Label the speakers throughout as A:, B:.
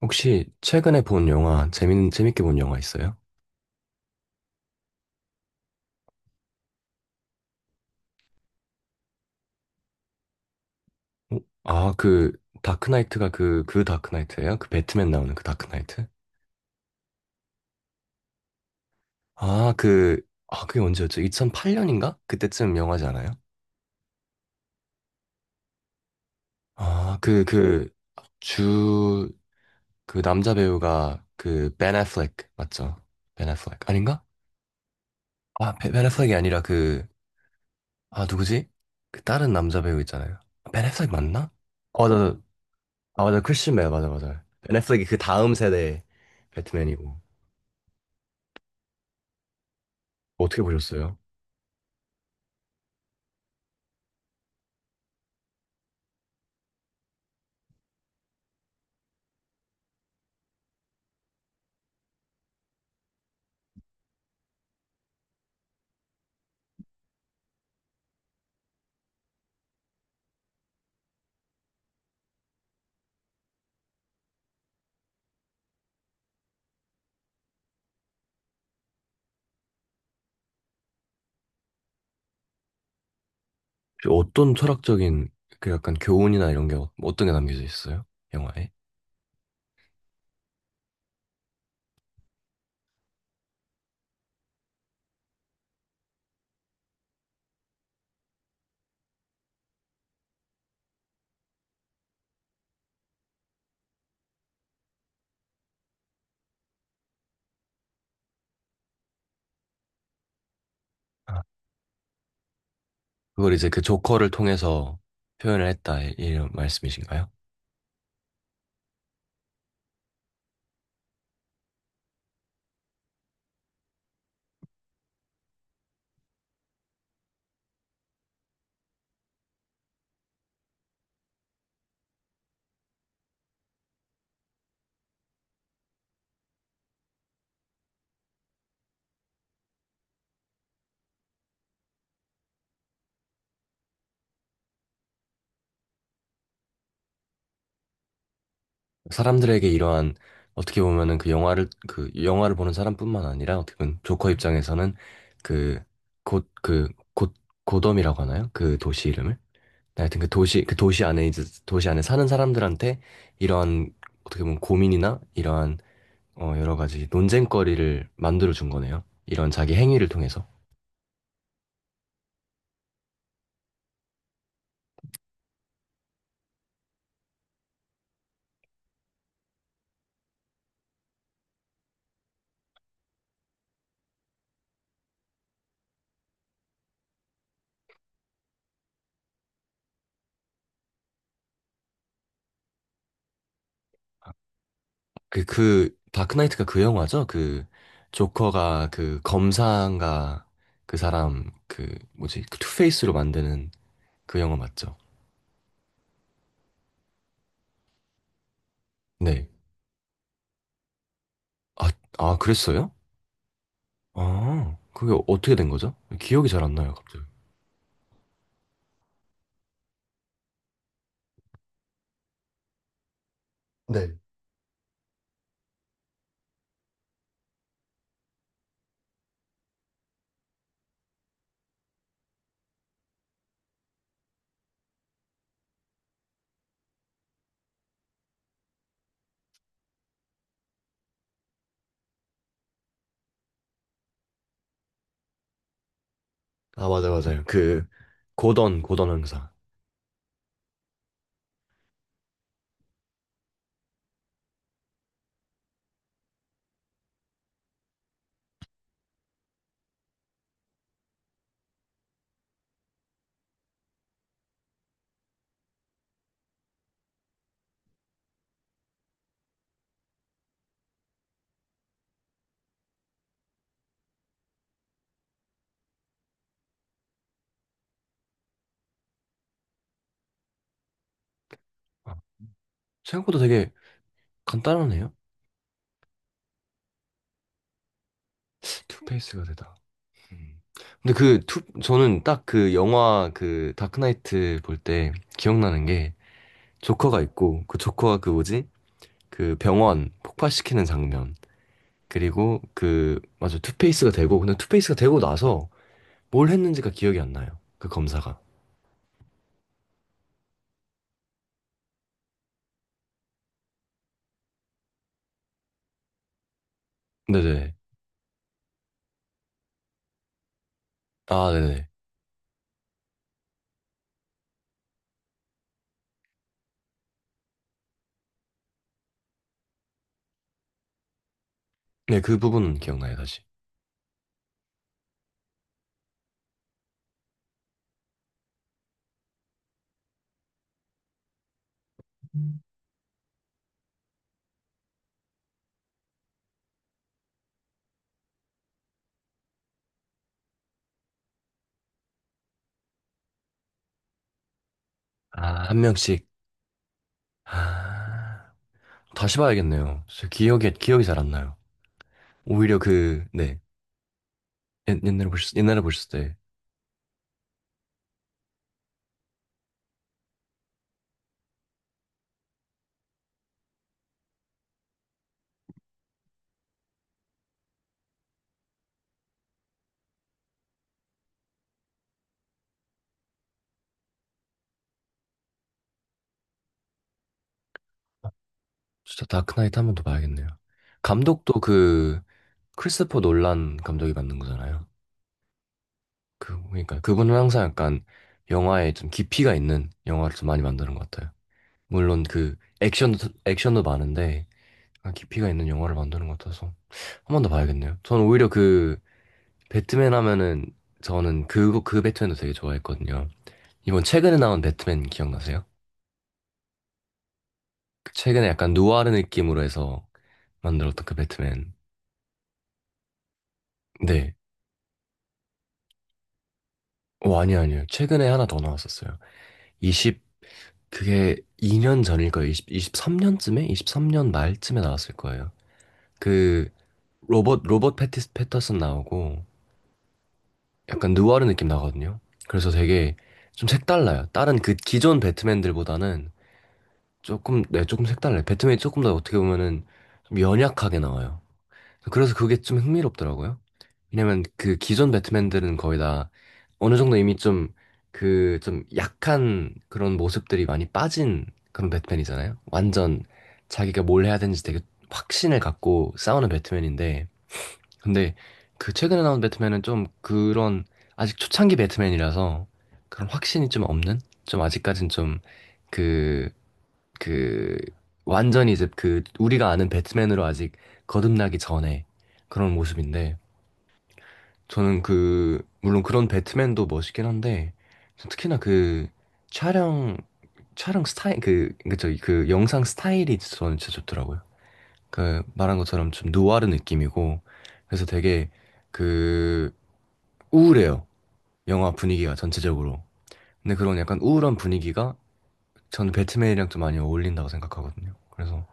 A: 혹시 최근에 본 영화, 재밌게 본 영화 있어요? 어? 아, 그, 다크나이트가 그 다크나이트예요? 그 배트맨 나오는 그 다크나이트? 아, 그, 아, 그게 언제였죠? 2008년인가? 그때쯤 영화지 않아요? 아, 그, 그, 주, 그 남자 배우가 그, 벤 애플렉, 맞죠? 벤 애플렉, 아닌가? 아, 벤 애플렉이 아니라 그, 아, 누구지? 그 다른 남자 배우 있잖아요. 벤 애플렉 맞나? 어, 나, 아 맞아 크리스맨 맞아 맞아. 넷플릭이 그 다음 세대 배트맨이고. 어떻게 보셨어요? 혹시 어떤 철학적인 그 약간 교훈이나 이런 게 어떤 게 남겨져 있어요? 영화에? 아. 그걸 이제 그 조커를 통해서 표현을 했다 이런 말씀이신가요? 사람들에게 이러한 어떻게 보면은 그 영화를 보는 사람뿐만 아니라 어떻게 보면 조커 입장에서는 그 곧 곧 고덤이라고 하나요? 그 도시 이름을? 하여튼 그 도시, 그 도시 안에 이제 도시 안에 사는 사람들한테 이러한 어떻게 보면 고민이나 이러한 어, 여러 가지 논쟁거리를 만들어 준 거네요. 이런 자기 행위를 통해서. 그, 그, 다크나이트가 그 영화죠? 그, 조커가 그 검사인가 그 사람, 그, 뭐지, 그 투페이스로 만드는 그 영화 맞죠? 네. 아, 아, 그랬어요? 아, 그게 어떻게 된 거죠? 기억이 잘 안 나요, 갑자기. 네. 아, 맞아, 맞아요. 그, 고던 형사. 생각보다 되게 간단하네요. 투페이스가 되다. 음. 근데 그 투, 저는 딱 그 영화 그 다크나이트 볼 때 기억나는 게 조커가 있고 그 조커가 그 뭐지? 그 병원 폭발시키는 장면. 그리고 그 맞아 투페이스가 되고 근데 투페이스가 되고 나서 뭘 했는지가 기억이 안 나요. 그 검사가. 네네. 아, 네네. 네, 그 부분은 기억나요, 다시. 아, 한 명씩. 아, 다시 봐야겠네요. 저 기억이 잘 안 나요. 오히려 그, 네. 옛날에 보셨을 때. 진짜 다크나이트 한 번 더 봐야겠네요. 감독도 그 크리스토퍼 놀란 감독이 만든 거잖아요. 그 그러니까 그분은 항상 약간 영화에 좀 깊이가 있는 영화를 좀 많이 만드는 것 같아요. 물론 그 액션도 많은데 약간 깊이가 있는 영화를 만드는 것 같아서 한 번 더 봐야겠네요. 저는 오히려 그 배트맨 하면은 저는 그거 그 배트맨도 되게 좋아했거든요. 이번 최근에 나온 배트맨 기억나세요? 그 최근에 약간 누아르 느낌으로 해서 만들었던 그 배트맨. 네, 어, 아니요, 아니요. 최근에 하나 더 나왔었어요. 20, 그게 2년 전일 거예요. 20, 23년쯤에? 23년 말쯤에 나왔을 거예요. 그, 로봇 패티스, 패터슨 나오고, 약간 느와르 느낌 나거든요. 그래서 되게 좀 색달라요. 다른 그 기존 배트맨들보다는 조금, 네, 조금 색달라요. 배트맨이 조금 더 어떻게 보면은 좀 연약하게 나와요. 그래서 그게 좀 흥미롭더라고요. 왜냐면 그 기존 배트맨들은 거의 다 어느 정도 이미 좀 그 좀 약한 그런 모습들이 많이 빠진 그런 배트맨이잖아요. 완전 자기가 뭘 해야 되는지 되게 확신을 갖고 싸우는 배트맨인데 근데 그 최근에 나온 배트맨은 좀 그런 아직 초창기 배트맨이라서 그런 확신이 좀 없는 좀 아직까진 좀그 그 완전히 이제 그 우리가 아는 배트맨으로 아직 거듭나기 전에 그런 모습인데 저는 그 물론 그런 배트맨도 멋있긴 한데 특히나 그 촬영 촬영 스타일 그 그저 그 영상 스타일이 저는 진짜 좋더라고요. 그 말한 것처럼 좀 누아르 느낌이고 그래서 되게 그 우울해요. 영화 분위기가 전체적으로. 근데 그런 약간 우울한 분위기가 저는 배트맨이랑 좀 많이 어울린다고 생각하거든요. 그래서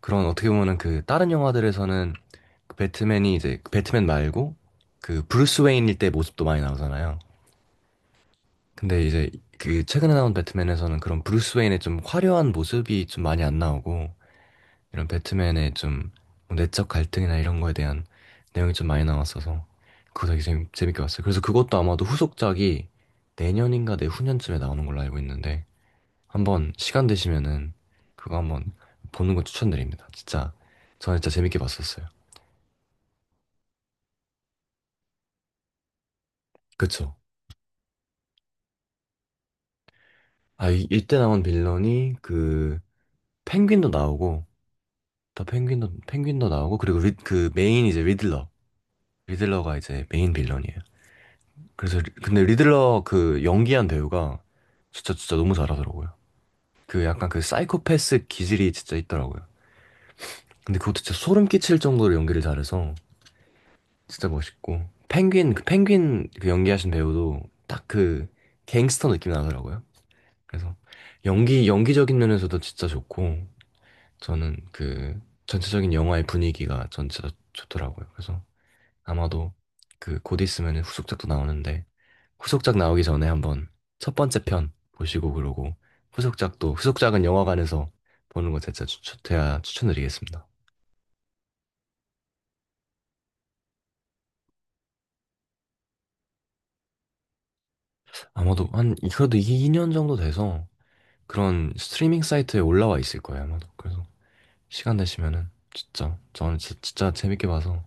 A: 그런 어떻게 보면은 그 다른 영화들에서는 그 배트맨이 이제 그 배트맨 말고 그 브루스 웨인일 때 모습도 많이 나오잖아요. 근데 이제 그 최근에 나온 배트맨에서는 그런 브루스 웨인의 좀 화려한 모습이 좀 많이 안 나오고 이런 배트맨의 좀뭐 내적 갈등이나 이런 거에 대한 내용이 좀 많이 나왔어서 그거 되게 재밌게 봤어요. 그래서 그것도 아마도 후속작이 내년인가 내후년쯤에 나오는 걸로 알고 있는데 한번 시간 되시면은 그거 한번 보는 거 추천드립니다. 진짜 저는 진짜 재밌게 봤었어요. 그쵸. 이때 나온 빌런이 그 펭귄도 나오고, 더 펭귄도, 펭귄도 나오고, 그리고 리, 그 메인 이제 리들러. 리들러가 이제 메인 빌런이에요. 그래서, 근데 리들러 그 연기한 배우가 진짜 진짜 너무 잘하더라고요. 그 약간 그 사이코패스 기질이 진짜 있더라고요. 근데 그것도 진짜 소름 끼칠 정도로 연기를 잘해서 진짜 멋있고. 펭귄, 그 펭귄 그 연기하신 배우도 딱 그 갱스터 느낌 나더라고요. 그래서 연기적인 면에서도 진짜 좋고, 저는 그 전체적인 영화의 분위기가 전체가 좋더라고요. 그래서 아마도 그 곧 있으면 후속작도 나오는데 후속작 나오기 전에 한번 첫 번째 편 보시고 그러고 후속작도 후속작은 영화관에서 보는 거 진짜 추천해야 추천드리겠습니다. 아마도 한 그래도 2년 정도 돼서 그런 스트리밍 사이트에 올라와 있을 거예요. 아마도 그래서 시간 되시면은 진짜 저는 진짜 재밌게 봐서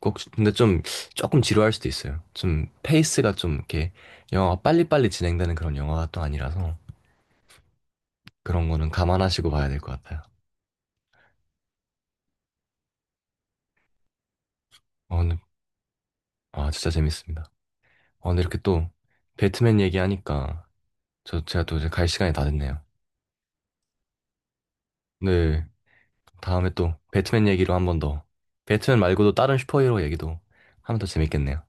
A: 꼭, 근데 좀, 조금 지루할 수도 있어요. 좀, 페이스가 좀, 이렇게, 영화가 빨리빨리 진행되는 그런 영화가 또 아니라서, 그런 거는 감안하시고 봐야 될 것 같아요. 어, 근데, 아, 진짜 재밌습니다. 어, 근데 이렇게 또, 배트맨 얘기하니까, 저, 제가 또 이제 갈 시간이 다 됐네요. 네, 다음에 또, 배트맨 얘기로 한번 더, 배트맨 말고도 다른 슈퍼히어로 얘기도 하면 더 재밌겠네요.